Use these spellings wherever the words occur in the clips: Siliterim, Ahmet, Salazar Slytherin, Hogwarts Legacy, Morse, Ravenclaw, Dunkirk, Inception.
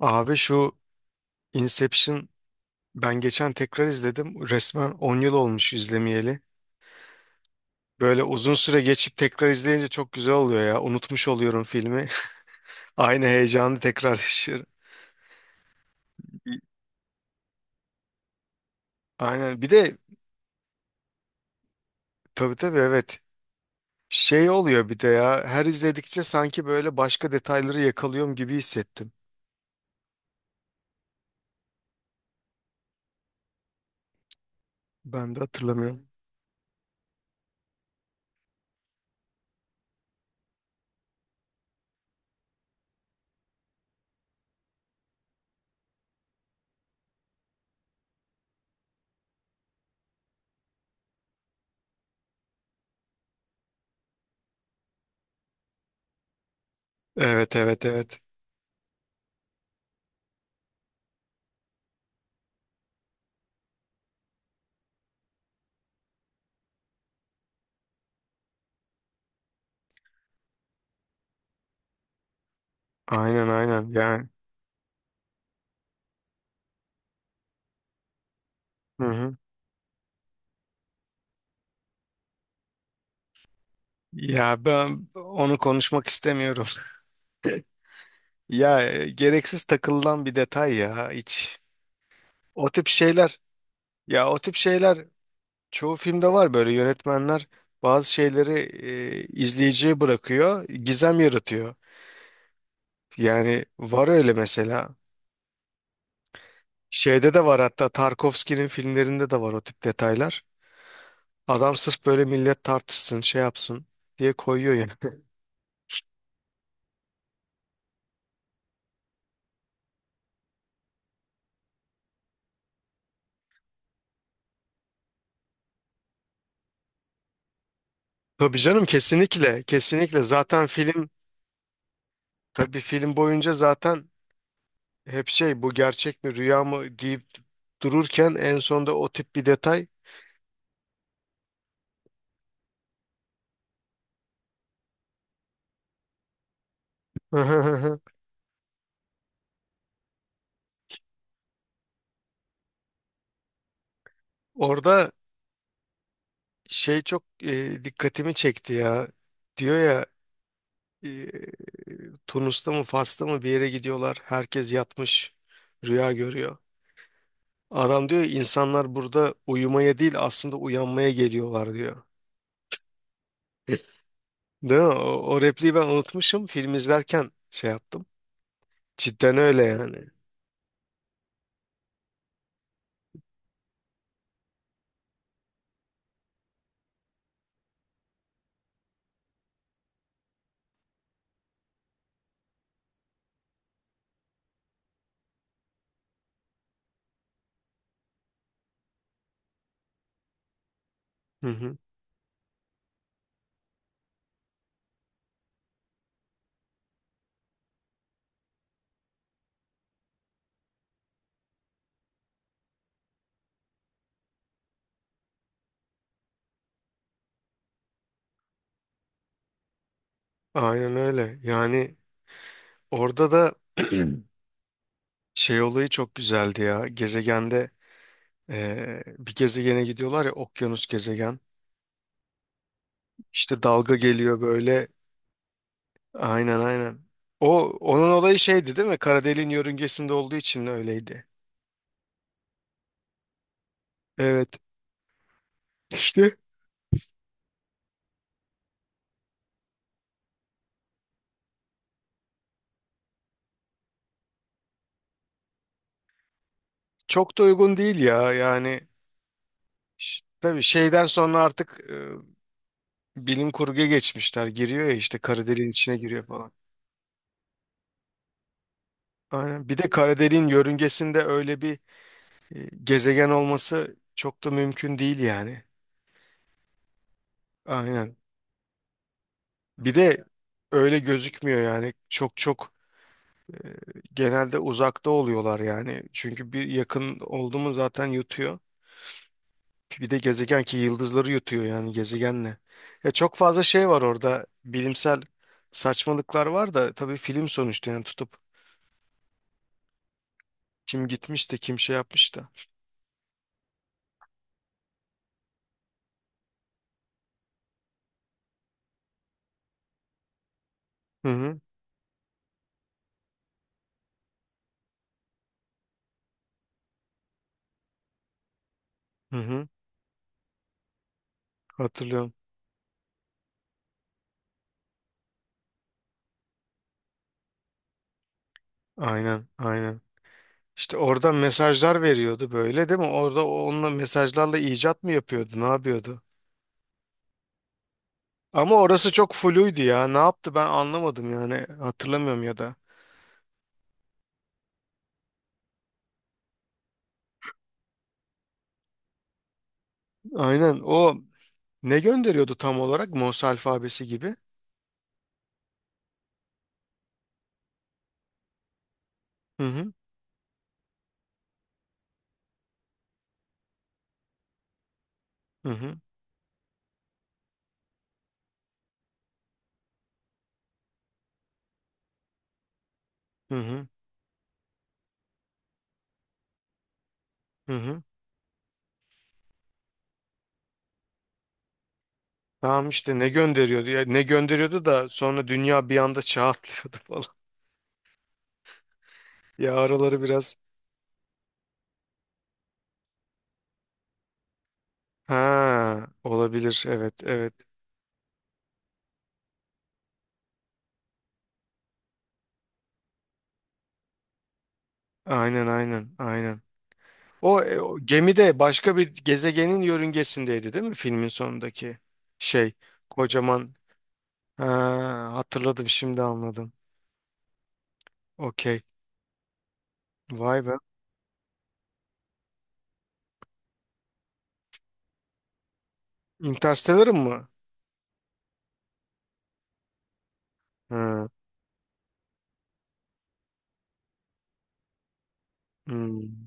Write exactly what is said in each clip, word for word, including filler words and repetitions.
Abi şu Inception ben geçen tekrar izledim. Resmen on yıl olmuş izlemeyeli. Böyle uzun süre geçip tekrar izleyince çok güzel oluyor ya. Unutmuş oluyorum filmi. Aynı heyecanı tekrar yaşıyorum. Aynen. Bir de tabii tabii evet. Şey oluyor bir de ya. Her izledikçe sanki böyle başka detayları yakalıyorum gibi hissettim. Ben de hatırlamıyorum. Evet evet evet. Aynen aynen. Yani. Hı hı. Ya ben onu konuşmak istemiyorum. Ya e, gereksiz takılan bir detay ya hiç. O tip şeyler ya o tip şeyler çoğu filmde var böyle yönetmenler bazı şeyleri e, izleyiciye bırakıyor, gizem yaratıyor. Yani var öyle mesela. Şeyde de var hatta Tarkovski'nin filmlerinde de var o tip detaylar. Adam sırf böyle millet tartışsın, şey yapsın diye koyuyor yani. Tabii canım, kesinlikle, kesinlikle zaten film tabii film boyunca zaten hep şey bu gerçek mi rüya mı deyip dururken en sonunda o tip bir detay. Orada şey çok e, dikkatimi çekti ya, diyor ya, e, Tunus'ta mı Fas'ta mı bir yere gidiyorlar, herkes yatmış, rüya görüyor. Adam diyor insanlar burada uyumaya değil aslında uyanmaya geliyorlar diyor. Değil mi? O, o repliği ben unutmuşum, film izlerken şey yaptım. Cidden öyle yani. Hı hı. Aynen öyle. Yani orada da şey olayı çok güzeldi ya. Gezegende eee, bir gezegene gidiyorlar ya, okyanus gezegen. İşte dalga geliyor böyle. Aynen aynen. O onun olayı şeydi değil mi? Kara deliğin yörüngesinde olduğu için öyleydi. Evet. İşte çok da uygun değil ya yani. Ş- Tabii şeyden sonra artık e, bilim kurguya geçmişler. Giriyor ya işte, kara deliğin içine giriyor falan. Aynen. Bir de kara deliğin yörüngesinde öyle bir e, gezegen olması çok da mümkün değil yani. Aynen. Bir de öyle gözükmüyor yani. Çok çok genelde uzakta oluyorlar yani. Çünkü bir yakın oldu mu zaten yutuyor. Bir de gezegen ki yıldızları yutuyor yani gezegenle. Ya çok fazla şey var orada. Bilimsel saçmalıklar var da, tabii film sonuçta yani, tutup kim gitmiş de kim şey yapmış da. Hı hı, hı hı, hatırlıyorum. Aynen aynen. İşte orada mesajlar veriyordu böyle değil mi? Orada o- onunla mesajlarla icat mı yapıyordu? Ne yapıyordu? Ama orası çok fluydu ya. Ne yaptı ben anlamadım yani. Hatırlamıyorum ya da. Aynen, o ne gönderiyordu tam olarak? Morse alfabesi gibi. Hı hı, hı hı, hı hı, hı hı. Tamam işte ne gönderiyordu ya, ne gönderiyordu da sonra dünya bir anda çağ atlıyordu falan. Ya araları biraz. Ha, olabilir. Evet, evet. Aynen, aynen, aynen. O, e, o gemide başka bir gezegenin yörüngesindeydi, değil mi? Filmin sonundaki şey, kocaman. Ha, hatırladım, şimdi anladım. Okey. Vay be. Interstellar'ın mı? Ha. Hmm.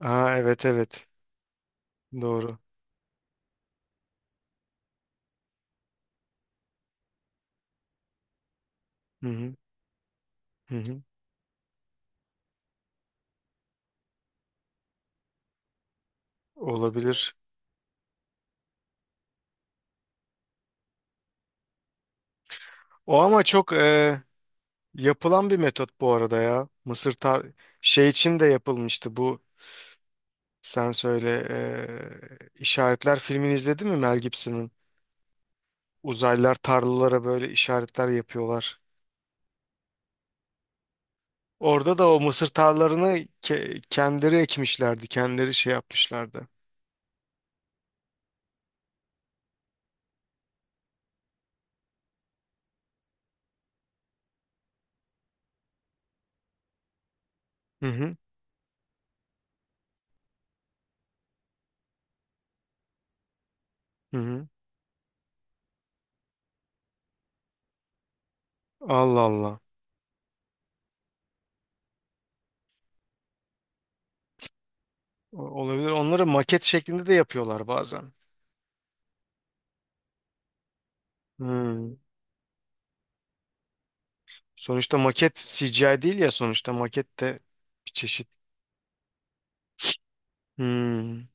Ha, evet, evet. Doğru. Hı hı, hı hı. Olabilir. O ama çok e, yapılan bir metot bu arada ya. Mısır tar şey için de yapılmıştı bu. Sen söyle, eee, işaretler filmini izledin mi, Mel Gibson'ın? Uzaylılar tarlalara böyle işaretler yapıyorlar. Orada da o mısır tarlalarını ke- kendileri ekmişlerdi. Kendileri şey yapmışlardı. Hı hı. Hı hı. Allah Allah. O- Olabilir. Onları maket şeklinde de yapıyorlar bazen. Hmm. Sonuçta maket C G I değil ya, sonuçta maket de bir çeşit. Hmm.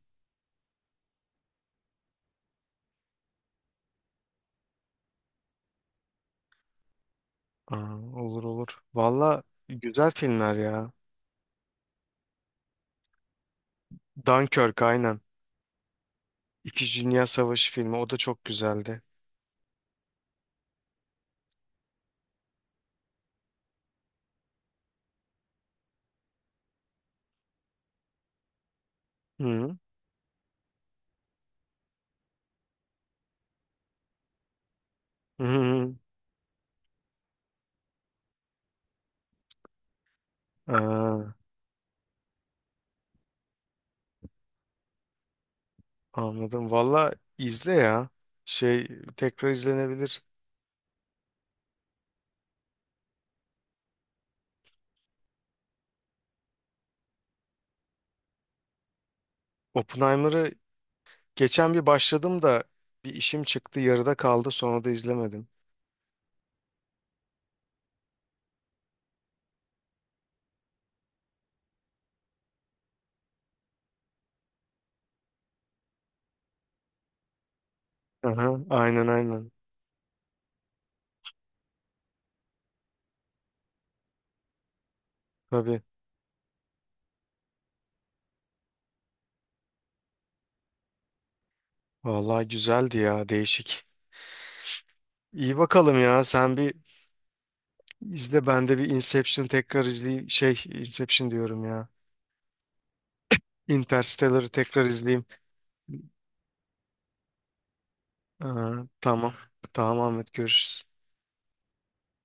Aa, olur olur. Valla güzel filmler ya. Dunkirk aynen. İkinci Dünya Savaşı filmi. O da çok güzeldi. Hı. Hı. Hı. Aa, anladım. Valla izle ya. Şey tekrar izlenebilir. Oppenheimer'ı geçen bir başladım da bir işim çıktı, yarıda kaldı, sonra da izlemedim. Aha, aynen aynen. Tabii. Valla güzeldi ya, değişik. İyi bakalım ya, sen bir izle, ben de bir Inception tekrar izleyeyim. Şey Inception diyorum ya. Interstellar'ı tekrar izleyeyim. Aa, tamam. Tamam Ahmet, görüşürüz.